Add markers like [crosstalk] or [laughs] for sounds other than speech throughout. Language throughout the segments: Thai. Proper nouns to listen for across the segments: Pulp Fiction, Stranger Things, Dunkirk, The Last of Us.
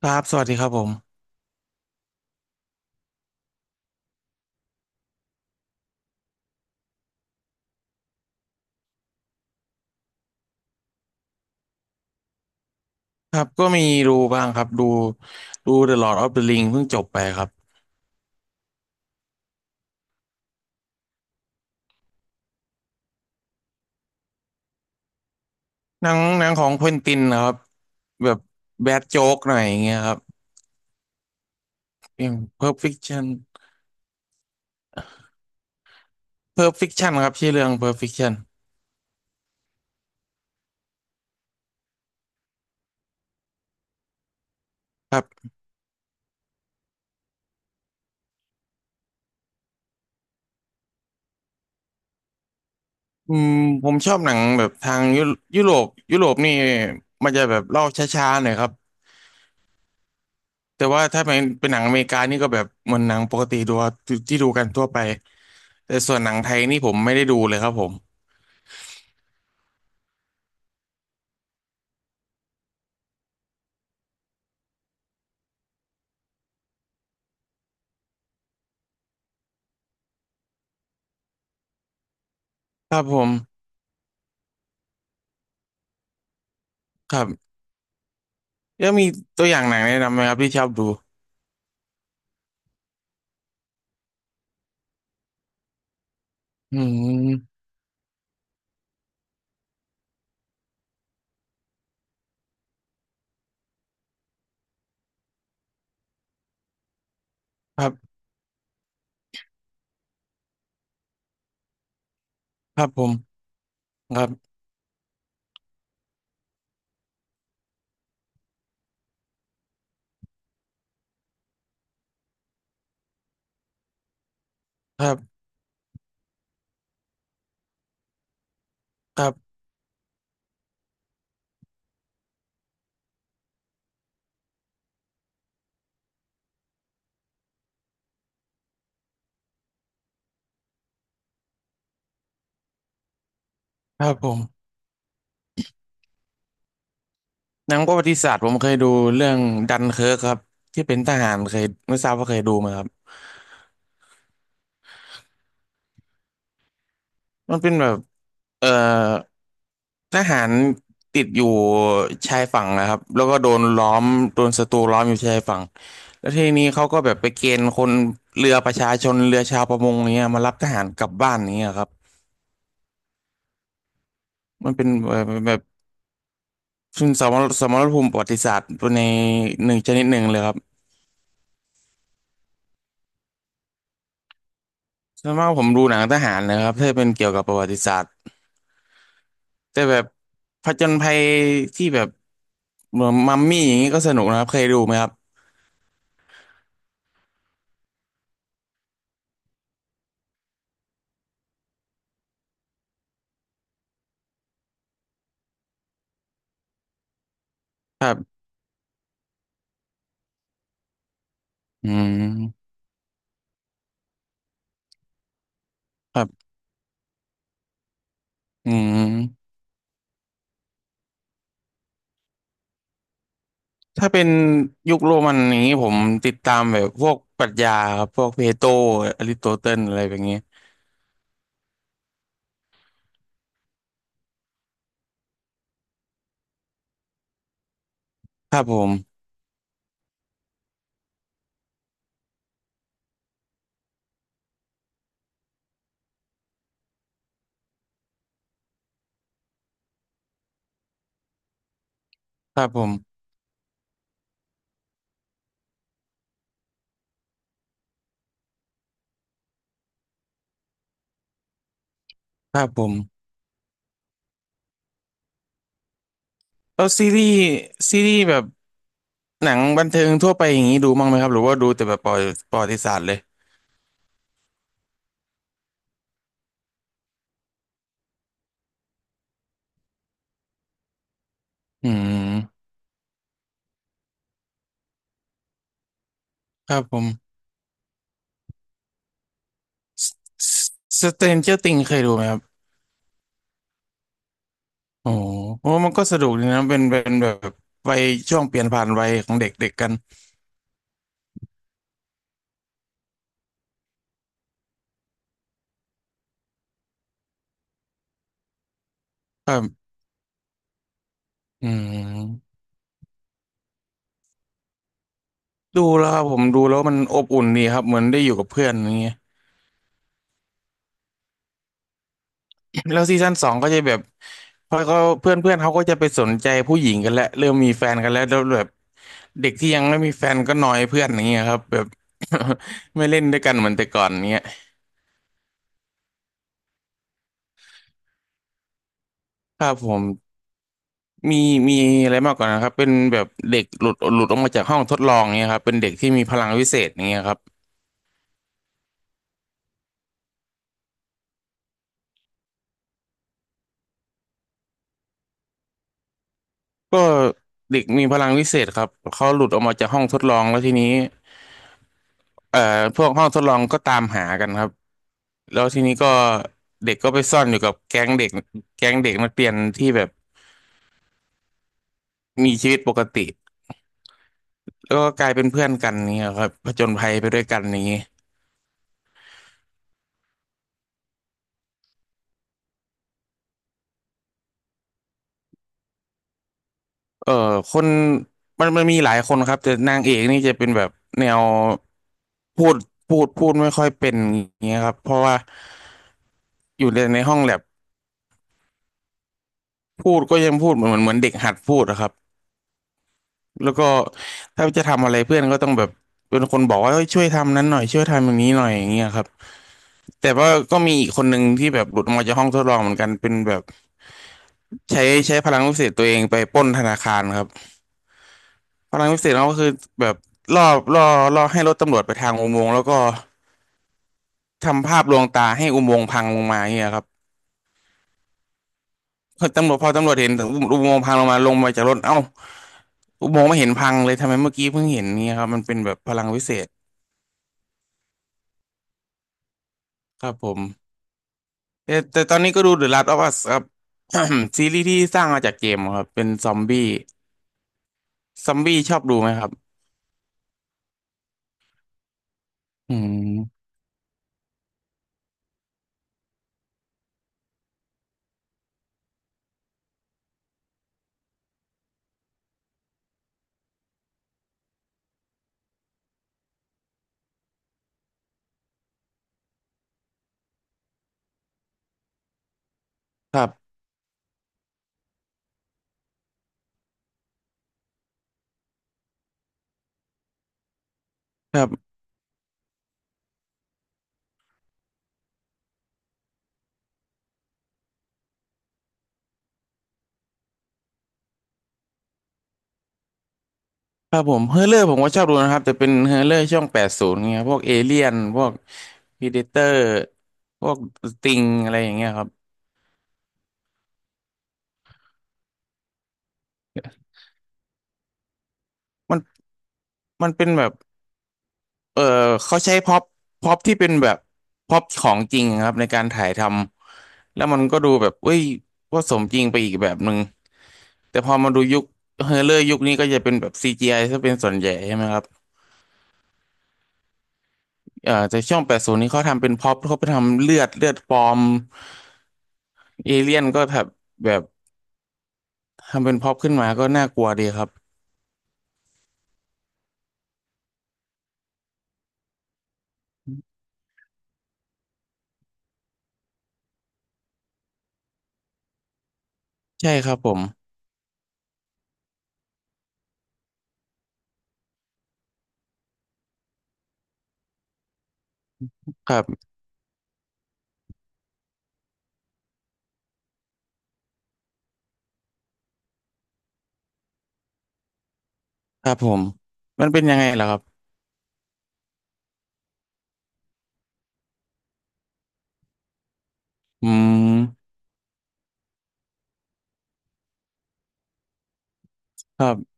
ครับสวัสดีครับผมครับก็มีดูบ้างครับดู The Lord of the Ring เพิ่งจบไปครับหนังของเควินตินนะครับแบบแบดโจ๊กหน่อยอย่างเงี้ยครับอย่าง Pulp Fiction Pulp Fiction ครับชื่อเรื่อง Pulp Fiction ครับอืมผมชอบหนังแบบทางยุโรปยุโรปนี่มันจะแบบเล่าช้าๆหน่อยครับแต่ว่าถ้าเป็นหนังอเมริกานี่ก็แบบเหมือนหนังปกติดูที่ดูกันทั่วไปแต่ส่วนหนังไทยนี่ผมไม่ได้ดูเลยครับผมครับผมครับ แล้วมีตัวอย่างหนังแนะนำไหมครับที่ชอบดูอืมครับครับผมครับครับครับครับผมหนังประวัติศาสตร์ผมเคยดูเรื่องดันเคิร์กครับที่เป็นทหารเคยไม่ทราบว่าเคยดูไหมครับมันเป็นแบบเอ่อทหารติดอยู่ชายฝั่งนะครับแล้วก็โดนล้อมโดนศัตรูล้อมอยู่ชายฝั่งแล้วทีนี้เขาก็แบบไปเกณฑ์คนเรือประชาชนเรือชาวประมงเนี้ยมารับทหารกลับบ้านนี้ยครับมันเป็นแบบ ซึ่งสมรสมรภูมิประวัติศาสตร์ในหนึ่งชนิดหนึ่งเลยครับส่วนมากผมดูหนังทหารนะครับถ้าเป็นเกี่ยวกับประวัติศาสตร์แต่แบบผจญภัยที่แบบเหมือนมัมมี่อย่างนี้ก็สนุกนะครับเคยดูไหมครับอืมครับอืมถ้าเป็นยุคโรมันอย่างนี้ผมติดตามแบบพวกปรัชญาครับพวกเพโตรอริสโตเติลอะไรแบบนี้ครับผมครับผมครับผม แล้วซีรีส์แบบหนังบันเทิงทั่วไปอย่างนี้ดูบ้างไหมครับหรือว่าดูแต่แบบประวัติศาสตร์เลย อืมครับผมสเตนเจอร์ติงเคยดูไหมครับโอ้โหโอ้มันก็สนุกดีนะเป็นแบบวัยช่วงเปลี่ยนผ่านวัยของเด็กๆกกันครับอืมดูแล้วครับผมดูแล้วมันอบอุ่นดีครับเหมือนได้อยู่กับเพื่อนอย่างเงี้ย [coughs] แล้วซีซั่น 2ก็จะแบบพอเขาเพื่อนเพื่อนเขาก็จะไปสนใจผู้หญิงกันแล้วเริ่มมีแฟนกันแล้วแล้วแบบเด็กที่ยังไม่มีแฟนก็นอยเพื่อนอย่างเงี้ยครับแบบ [coughs] [laughs] ไม่เล่นด้วยกันเหมือนแต่ก่อนเงี้ยครับผม มีมีอะไรมากกว่านะครับเป็นแบบเด็กหลุดออกมาจากห้องทดลองเนี่ยครับเป็นเด็กที่มีพลังวิเศษอย่างเงี้ยครับก็เด็กมีพลังวิเศษครับเขาหลุดออกมาจากห้องทดลองแล้วทีนี้เอ่อพวกห้องทดลองก็ตามหากันครับแล้วทีนี้ก็เด็กก็ไปซ่อนอยู่กับแก๊งเด็กแก๊งเด็กนักเรียนที่แบบมีชีวิตปกติแล้วก็กลายเป็นเพื่อนกันเนี่ยครับผจญภัยไปด้วยกันนี้เออคนมันมีหลายคนครับแต่นางเอกนี่จะเป็นแบบแนว พูดพูดไม่ค่อยเป็นอย่างเงี้ยครับเพราะว่าอยู่ในในห้องแลบพูดก็ยังพูดเหมือนเด็กหัดพูดอะครับแล้วก็ถ้าจะทำอะไรเพื่อนก็ต้องแบบเป็นคนบอกว่าเฮ้ยช่วยทำนั้นหน่อยช่วยทำอย่างนี้หน่อยอย่างเงี้ยครับแต่ว่าก็มีอีกคนหนึ่งที่แบบหลุดออกมาจากห้องทดลองเหมือนกันเป็นแบบใช้พลังวิเศษตัวเองไปปล้นธนาคารครับพลังวิเศษเขาก็คือแบบล่อล่อล่อให้รถตำรวจไปทางอุโมงค์แล้วก็ทำภาพลวงตาให้อุโมงค์พังลงมาอย่างเงี้ยครับพอตำรวจเห็นอุโมงค์พังลงมาจากรถเอ้า อมโงไม่เห็นพังเลยทำไมเมื่อกี้เพิ่งเห็นเนี่ยครับมันเป็นแบบพลังวิเศษครับผมแต่ตอนนี้ก็ดู The Last of Us ครับ [coughs] ซีรีส์ที่สร้างมาจากเกมครับเป็นซอมบี้ซอมบี้ชอบดูไหมครับอืมครับครับครับผมเฮอร์เรอร์ผมก็ชอบดูนะครับแต่เป็นเฮอร์เรอร์ช่วงแปดศูนย์เงี้ยพวกเอเลี่ยนพวกพีเดเตอร์พวกสติงอะไรอย่างเงี้ยครับมันมันเป็นแบบ เออเขาใช้พ็อปที่เป็นแบบพ็อปของจริงครับในการถ่ายทำแล้วมันก็ดูแบบเอ้ยว่าสมจริงไปอีกแบบหนึ่งแต่พอมาดูยุคเฮอร์เลอร์ยุคนี้ก็จะเป็นแบบCGI ซะเป็นส่วนใหญ่ใช่ไหมครับเออแต่ช่วงแปดศูนย์นี้เขาทำเป็นพ็อปเขาไปทำเลือดปลอมเอเลี่ยนก็แบบแบบทำเป็นพ็อปขึ้นมาก็น่ากลัวดีครับใช่ครับผมครับครับผมมันเป็นยังไงล่ะครับอืมครับ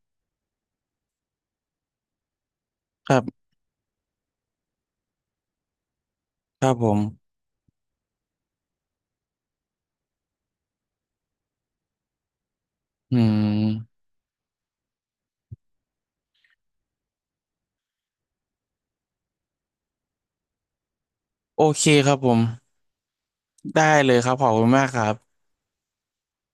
ครับครับผมอืมโอเคครับผม ได้เลยครับขอบคุณมากครับ